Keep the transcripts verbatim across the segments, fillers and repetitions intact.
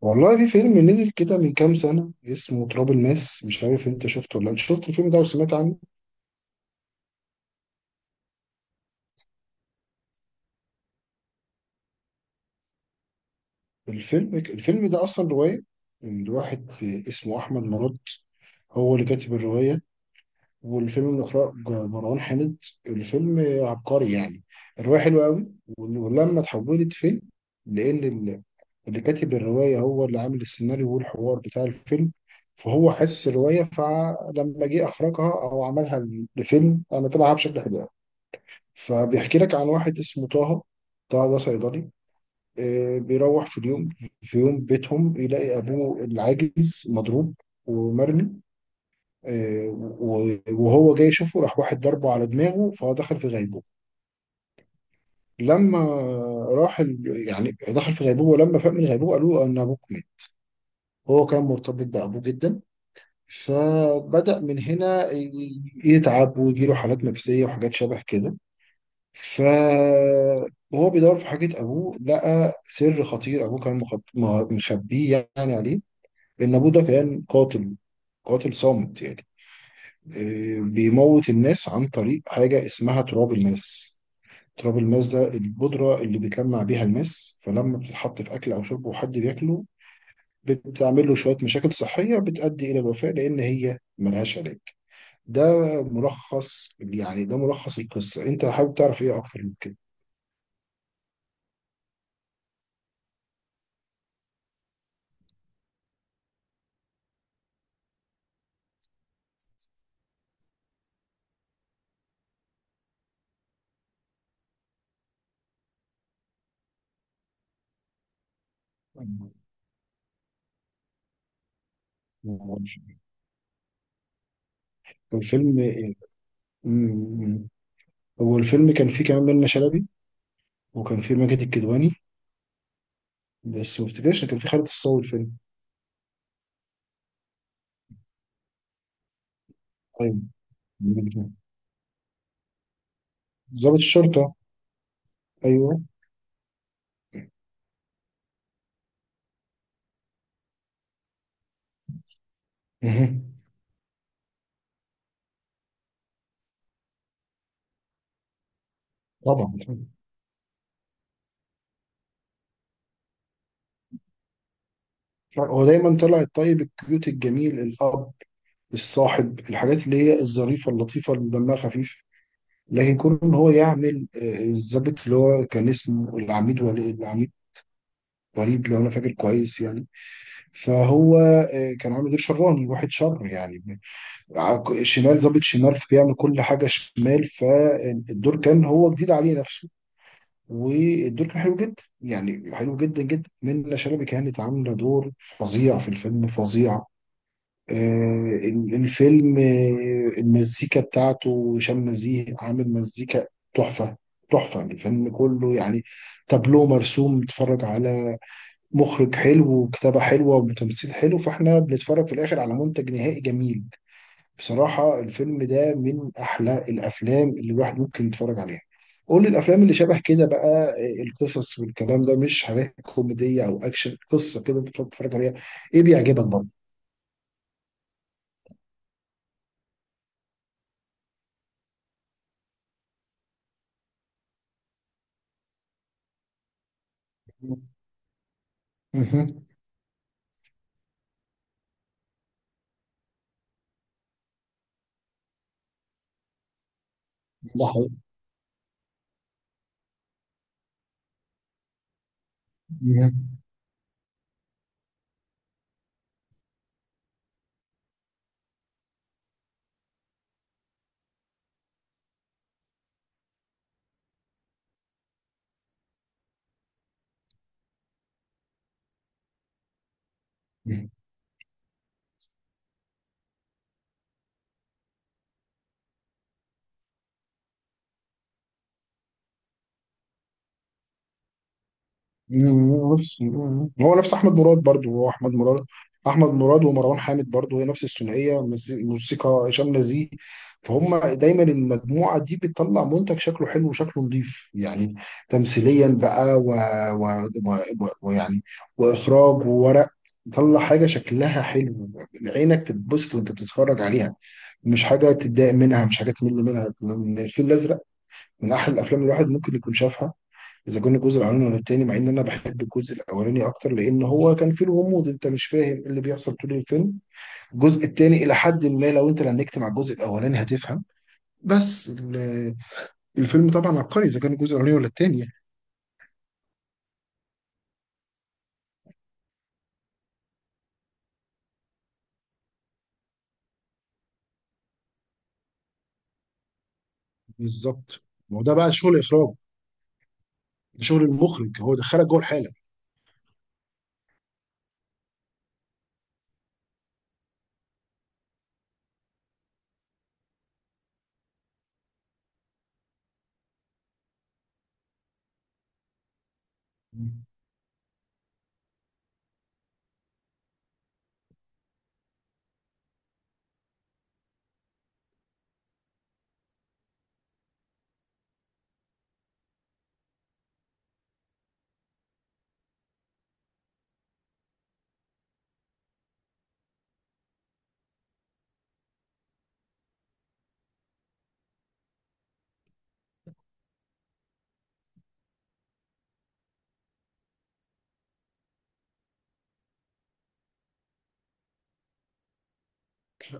والله في فيلم نزل كده من كام سنة اسمه تراب الماس، مش عارف انت شفته، ولا انت شفت الفيلم ده وسمعت عنه. الفيلم الفيلم ده اصلا رواية، من واحد اسمه احمد مراد، هو اللي كاتب الرواية، والفيلم من اخراج مروان حامد. الفيلم عبقري يعني. الرواية حلوة قوي، ولما اتحولت فيلم، لان ال- اللي كاتب الرواية هو اللي عامل السيناريو والحوار بتاع الفيلم، فهو حس الرواية، فلما جه اخرجها او عملها لفيلم عملها بشكل حلو. فبيحكي لك عن واحد اسمه طه. طه ده صيدلي. آه، بيروح في اليوم في يوم بيتهم، يلاقي أبوه العاجز مضروب ومرمي. آه، و- وهو جاي يشوفه، راح واحد ضربه على دماغه، فهو دخل في غيبوبة. لما راح ال- يعني دخل في غيبوبة، ولما فاق من الغيبوبة قالوا له أن أبوك مات. هو كان مرتبط بأبوه جدا، فبدأ من هنا ي- يتعب ويجيله حالات نفسية وحاجات شبه كده. فهو بيدور في حاجة أبوه، لقى سر خطير أبوه كان مخب... مه- مخبيه يعني عليه، إن أبوه ده كان قاتل، قاتل صامت يعني. إيه، بيموت الناس عن طريق حاجة اسمها تراب الماس. تراب الماس ده البودرة اللي بيتلمع بيها الماس، فلما بتتحط في أكل أو شرب وحد بياكله، بتعمل له شوية مشاكل صحية بتؤدي إلى الوفاة، لأن هي ملهاش علاج. ده ملخص، يعني ده ملخص القصة. أنت حابب تعرف إيه أكتر من كده؟ الفيلم مم. هو الفيلم كان فيه كمان منة شلبي، وكان فيه ماجد الكدواني، بس ما افتكرش إن كان فيه خالد الصاوي الفيلم. ايوه، ضابط الشرطه. ايوه. مه. طبعا. هو دايما طلع الطيب الكيوت الجميل الاب، الصاحب، الحاجات اللي هي الظريفه اللطيفه اللي دمها خفيف. لكن كون ان هو يعمل آه، الضابط، اللي هو كان اسمه العميد ولي، العميد وليد لو انا فاكر كويس يعني. فهو آه، كان عامل دور شراني، واحد شر يعني. ع- شمال، ظابط شمال، فبيعمل كل حاجه شمال، فالدور كان هو جديد عليه نفسه. والدور كان حلو جدا، يعني حلو جدا جدا. منة شلبي كانت عامله دور فظيع في الفيلم، فظيع. آه، ال- الفيلم، آه، المزيكا بتاعته هشام نزيه، عامل مزيكا تحفه. تحفه. الفيلم كله يعني، تابلو مرسوم، بتتفرج على مخرج حلو وكتابه حلوه وتمثيل حلو، فاحنا بنتفرج في الاخر على منتج نهائي جميل. بصراحة الفيلم ده من أحلى الأفلام اللي الواحد ممكن يتفرج عليها. قول لي الأفلام اللي شبه كده بقى، آه، القصص والكلام ده، مش حاجات كوميدية أو أكشن، قصة كده أنت بتقعد تتفرج عليها، إيه بيعجبك برضه؟ مهم. ده حقيقي. مهم. مم، نفس مم. هو نفس احمد مراد، برضو هو احمد مراد. احمد مراد ومروان حامد، برضو هي نفس الثنائيه، مز- موسيقى هشام نزيه. فهم دايما المجموعه دي بتطلع منتج شكله حلو وشكله نظيف يعني. تمثيليا بقى، و... و... و... ويعني واخراج وورق، طلع حاجه شكلها حلو، عينك تتبسط وانت بتتفرج عليها، مش حاجه تتضايق منها، مش حاجه تمل منها. الفيل الازرق من احلى الافلام اللي الواحد ممكن يكون شافها، اذا كان الجزء الاولاني ولا التاني، مع ان انا بحب الجزء الاولاني اكتر، لان هو كان فيه الغموض، انت مش فاهم إيه اللي بيحصل طول الفيلم. الجزء التاني الى حد ما لو انت لنكت مع الجزء الاولاني هتفهم، بس ال- الفيلم طبعا عبقري اذا كان الجزء الاولاني ولا التاني يعني. بالظبط. وده بقى شغل اخراج، ده شغل المخرج، هو دخلك جوه الحاله.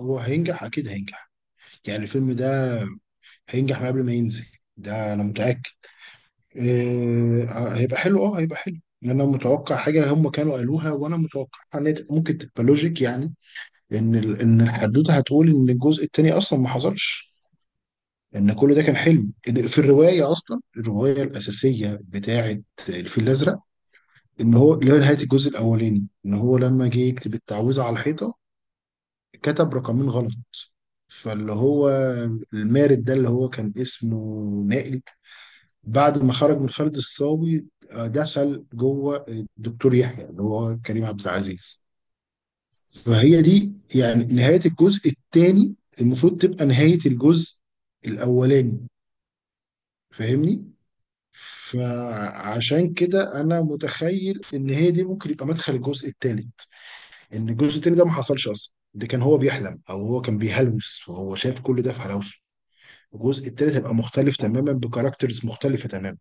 هو هينجح، اكيد هينجح. يعني الفيلم ده هينجح من قبل ما ينزل، ده انا متاكد. إيه، هيبقى حلو اه هيبقى حلو ان انا متوقع حاجه هم كانوا قالوها، وانا متوقع ان هي تبقى- ممكن تبقى لوجيك يعني. ان ال- ان الحدوته هتقول ان الجزء الثاني اصلا ما حصلش، ان كل ده كان حلم، إن في الروايه اصلا، الروايه الاساسيه بتاعه الفيل الازرق، ان هو اللي هي نهايه الجزء الاولاني، ان هو لما جه يكتب التعويذه على الحيطه كتب رقمين غلط. فاللي هو المارد ده اللي هو كان اسمه نائل، بعد ما خرج من خالد الصاوي آه، دخل جوه الدكتور يحيى اللي هو كريم عبد العزيز. فهي دي يعني نهاية الجزء الثاني، المفروض تبقى نهاية الجزء الأولاني. فاهمني؟ فعشان كده أنا متخيل إن هي دي ممكن يبقى مدخل الجزء الثالث، إن الجزء الثاني ده ما حصلش أصلا، ده كان هو بيحلم، أو هو كان بيهلوس وهو شايف كل ده في هلوسه. الجزء الثالث هيبقى مختلف تماما، بكاركترز مختلفة تماما.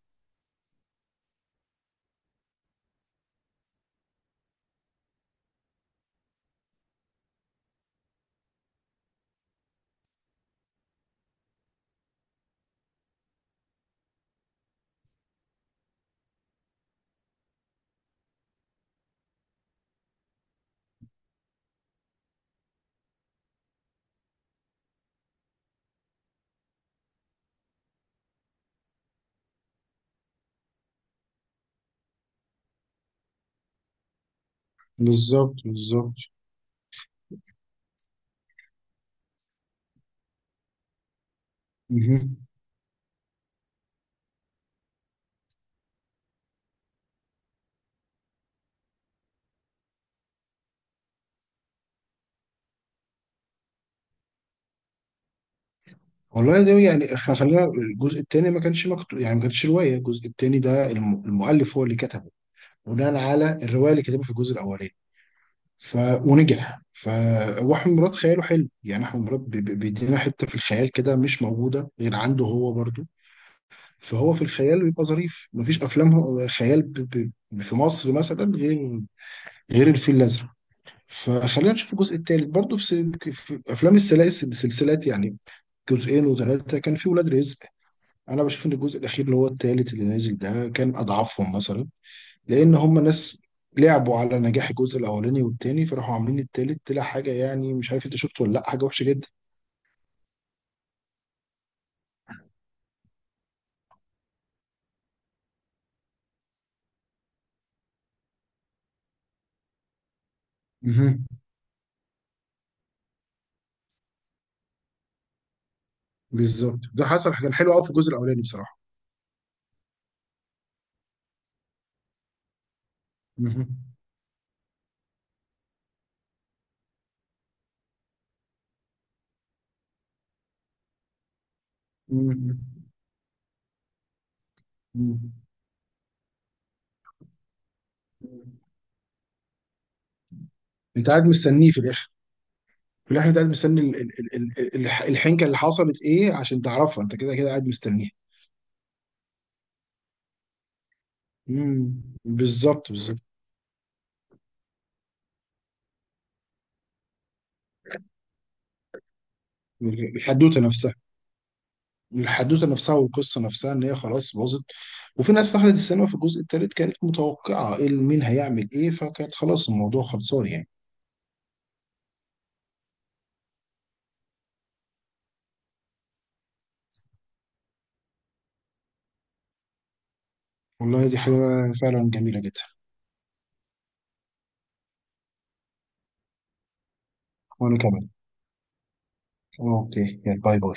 بالظبط، بالظبط. مهم. والله ده يعني، احنا خلينا الجزء الثاني ما كانش مكتوب، يعني ما كانتش روايه. الجزء الثاني ده الم- المؤلف هو اللي كتبه بناء على الروايه اللي كتبها في الجزء الاولاني. ف ونجح. ف واحمد مراد خياله حلو، يعني احمد مراد بي- بي- بيدينا حته في الخيال كده، مش موجوده غير عنده هو برضو. فهو في الخيال بيبقى ظريف، مفيش افلام هو- خيال ب... ب... في مصر مثلا غير غير الفيل الازرق. فخلينا نشوف الجزء الثالث برضو في, س... في افلام السلاسل، السلسلات يعني، جزئين وثلاثه، كان في ولاد رزق. انا بشوف ان الجزء الاخير اللي هو التالت اللي نازل ده كان اضعفهم مثلا، لان هم ناس لعبوا على نجاح الجزء الاولاني والتاني، فراحوا عاملين التالت طلع حاجه يعني، مش عارف انت شفته ولا لا، حاجه وحشه جدا. مهم. بالظبط، ده حصل، كان حلو قوي في الجزء الاولاني بصراحه. مهم. مهم. مهم. انت قاعد مستنيه في الاخر. في الاخر انت قاعد مستني ال- ال- ال- ال- الح- الحنكه اللي حصلت ايه عشان تعرفها، انت كده كده قاعد مستنيها. مهم. بالظبط، بالظبط. الحدوته نفسها، الحدوته نفسها والقصه نفسها، ان هي خلاص باظت. وفي ناس دخلت السينما في الجزء الثالث كانت متوقعه ايه ال- مين هيعمل ايه، فكانت خلاص الموضوع خلصان يعني. والله دي حاجه فعلا جميله جدا. وانا كمان. اوكي، يلا، باي باي.